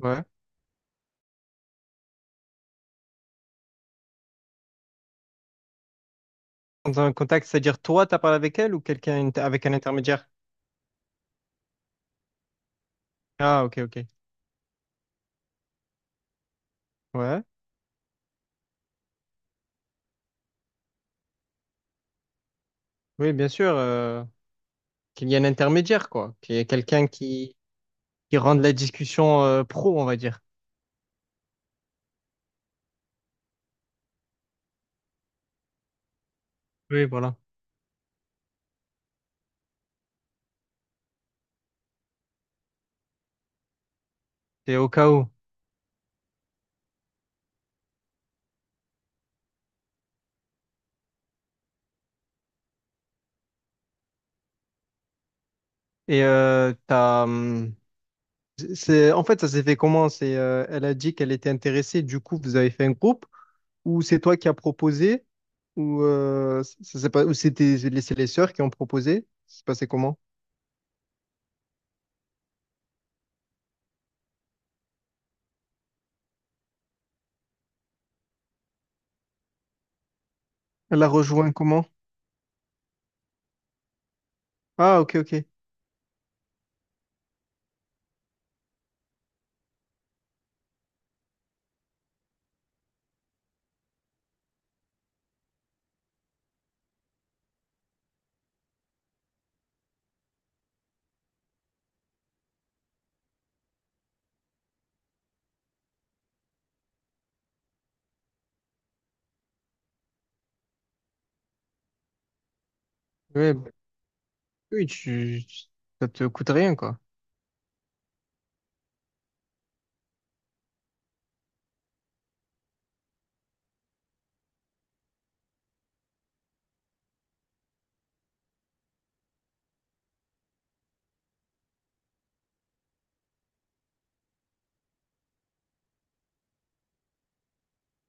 Ouais. Dans un contact, c'est-à-dire toi, t'as parlé avec elle ou quelqu'un avec un intermédiaire? Ah, ok, ok. Ouais. Oui, bien sûr, qu'il y ait un intermédiaire, quoi. Qu'il y ait quelqu'un qui rende la discussion pro, on va dire. Oui, voilà. C'est au cas où. Et en fait, ça s'est fait comment? C'est, elle a dit qu'elle était intéressée, du coup, vous avez fait un groupe, ou c'est toi qui as proposé, ou ça s'est pas, ou c'était les, c'est les sœurs qui ont proposé? Ça s'est passé comment? Elle a rejoint comment? Ah, ok, ok. Oui, Oui, tu, ça te coûte rien, quoi.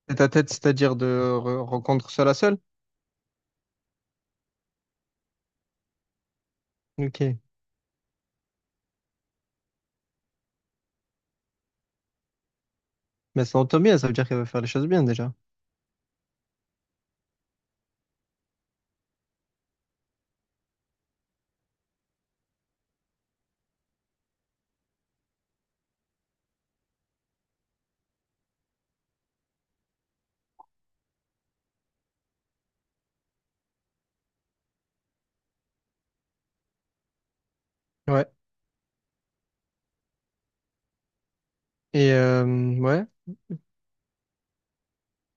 Tête à tête, c'est-à-dire de rencontre seul à seul. Ok. Mais ça entend bien, ça veut dire qu'elle va faire les choses bien déjà. Ouais. Et ouais.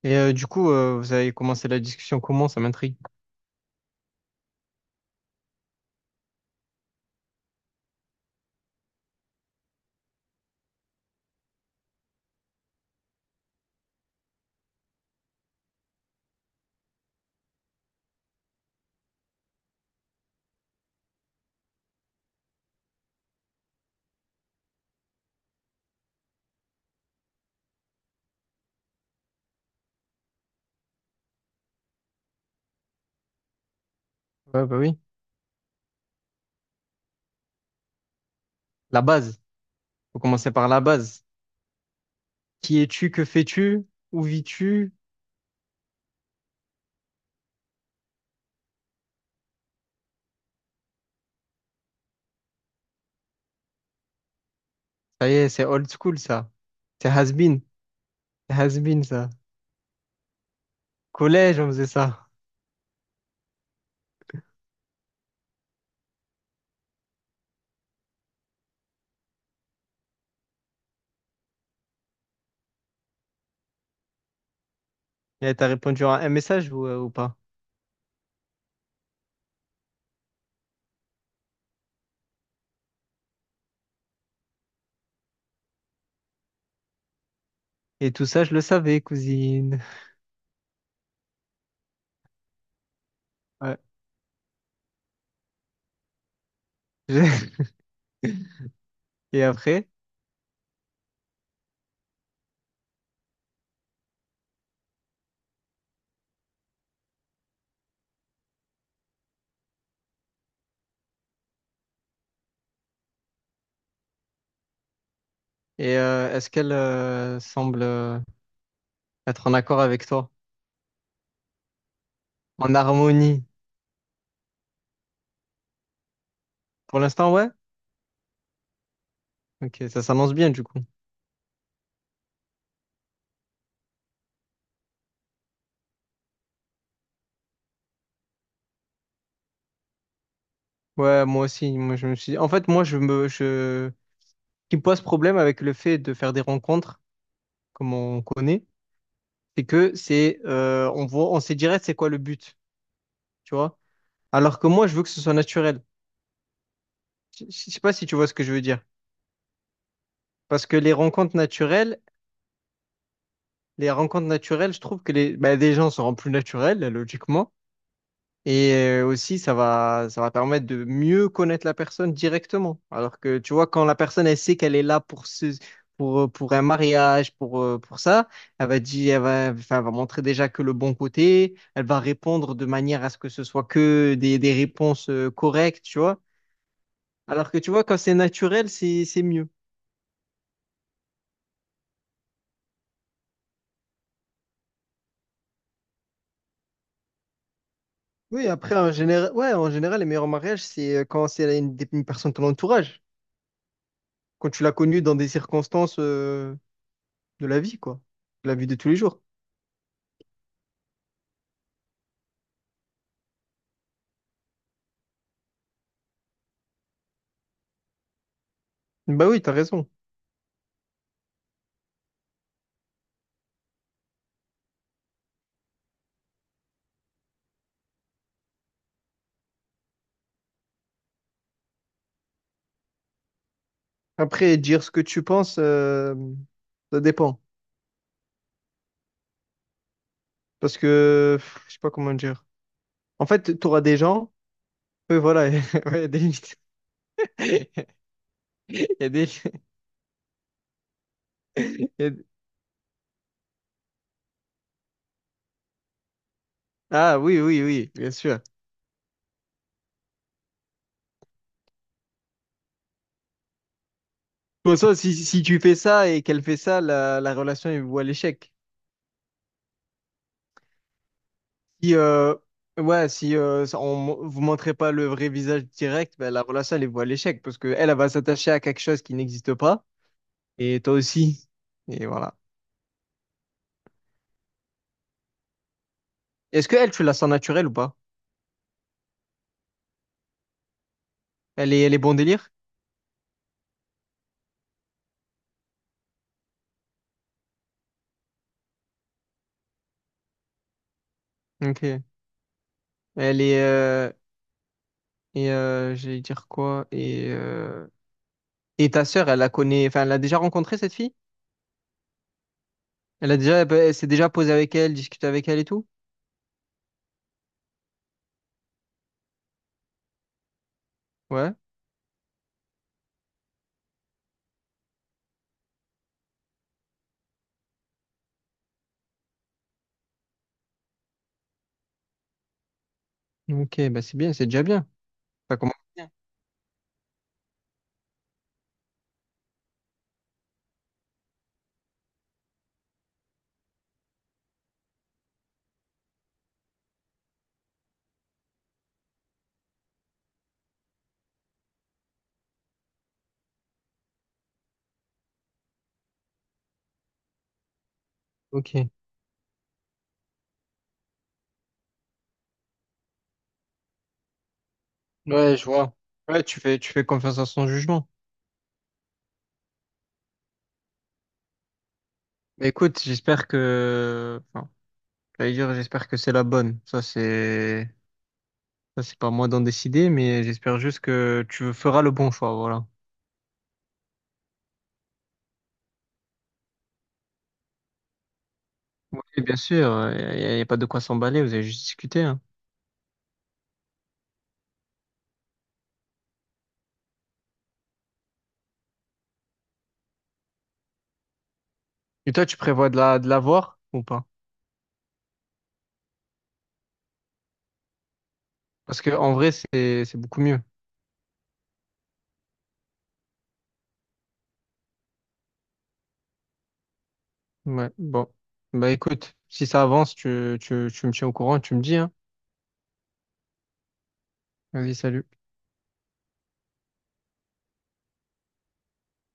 Et du coup, vous avez commencé la discussion comment? Ça m'intrigue. Ouais, bah oui. La base. Faut commencer par la base. Qui es-tu? Que fais-tu? Où vis-tu? Ça y est, c'est old school, ça. C'est has-been. C'est has-been, ça. Collège, on faisait ça. Et t'as répondu à un message ou pas? Et tout ça, je le savais, cousine. Ouais. Et après? Et est-ce qu'elle semble être en accord avec toi? En harmonie? Pour l'instant, ouais? Ok, ça s'annonce bien du coup. Ouais, moi aussi. Moi, je me suis... En fait, moi, je me... Je... Ce qui me pose problème avec le fait de faire des rencontres, comme on connaît, c'est que c'est... on voit... on sait direct c'est quoi le but, tu vois? Alors que moi, je veux que ce soit naturel. Je sais pas si tu vois ce que je veux dire. Parce que les rencontres naturelles, je trouve que les, bah, des gens seront plus naturels, logiquement. Et aussi, ça va permettre de mieux connaître la personne directement. Alors que, tu vois, quand la personne, elle sait qu'elle est là pour pour un mariage, pour ça, elle va dire, elle va, enfin, elle va montrer déjà que le bon côté, elle va répondre de manière à ce que ce soit que des réponses correctes, tu vois. Alors que, tu vois, quand c'est naturel, c'est mieux. Oui, après, en général, ouais, en général, les meilleurs mariages, c'est quand c'est une personne de ton entourage, quand tu l'as connue dans des circonstances, de la vie, quoi, de la vie de tous les jours. Bah oui, t'as raison. Après, dire ce que tu penses, ça dépend. Parce que, pff, je sais pas comment dire. En fait, t'auras des gens. Oui, voilà. ouais, Il y a des limites. Il y a des... il y a- Ah oui, oui, oui, bien sûr. Pour ça, si, si tu fais ça et qu'elle fait ça, la relation, elle voit l'échec. Si, ouais, si vous montrez pas le vrai visage direct, ben, la relation, elle voit l'échec. Parce que elle va s'attacher à quelque chose qui n'existe pas. Et toi aussi. Et voilà. Est-ce que elle, tu la sens naturelle ou pas? Elle est bon délire? Ok. Elle est, et j'allais dire quoi? Et ta sœur, elle la connaît, enfin, elle l'a déjà rencontrée, cette fille? Elle a déjà, bah, elle s'est déjà posée avec elle, discutée avec elle et tout? Ouais. Ok, bah c'est bien, c'est déjà bien. Ça commence bien. Ok. Ouais, je vois. Ouais, tu fais confiance à son jugement. Bah écoute, j'espère que, enfin, j'allais dire, j'espère que c'est la bonne. Ça, c'est pas à moi d'en décider, mais j'espère juste que tu feras le bon choix, voilà. Et bien sûr, y a pas de quoi s'emballer, vous avez juste discuté. Hein. Et toi, tu prévois de de la voir ou pas? Parce que en vrai, c'est beaucoup mieux. Ouais, bon. Bah écoute, si ça avance, tu me tiens au courant, tu me dis, hein. Vas-y, salut.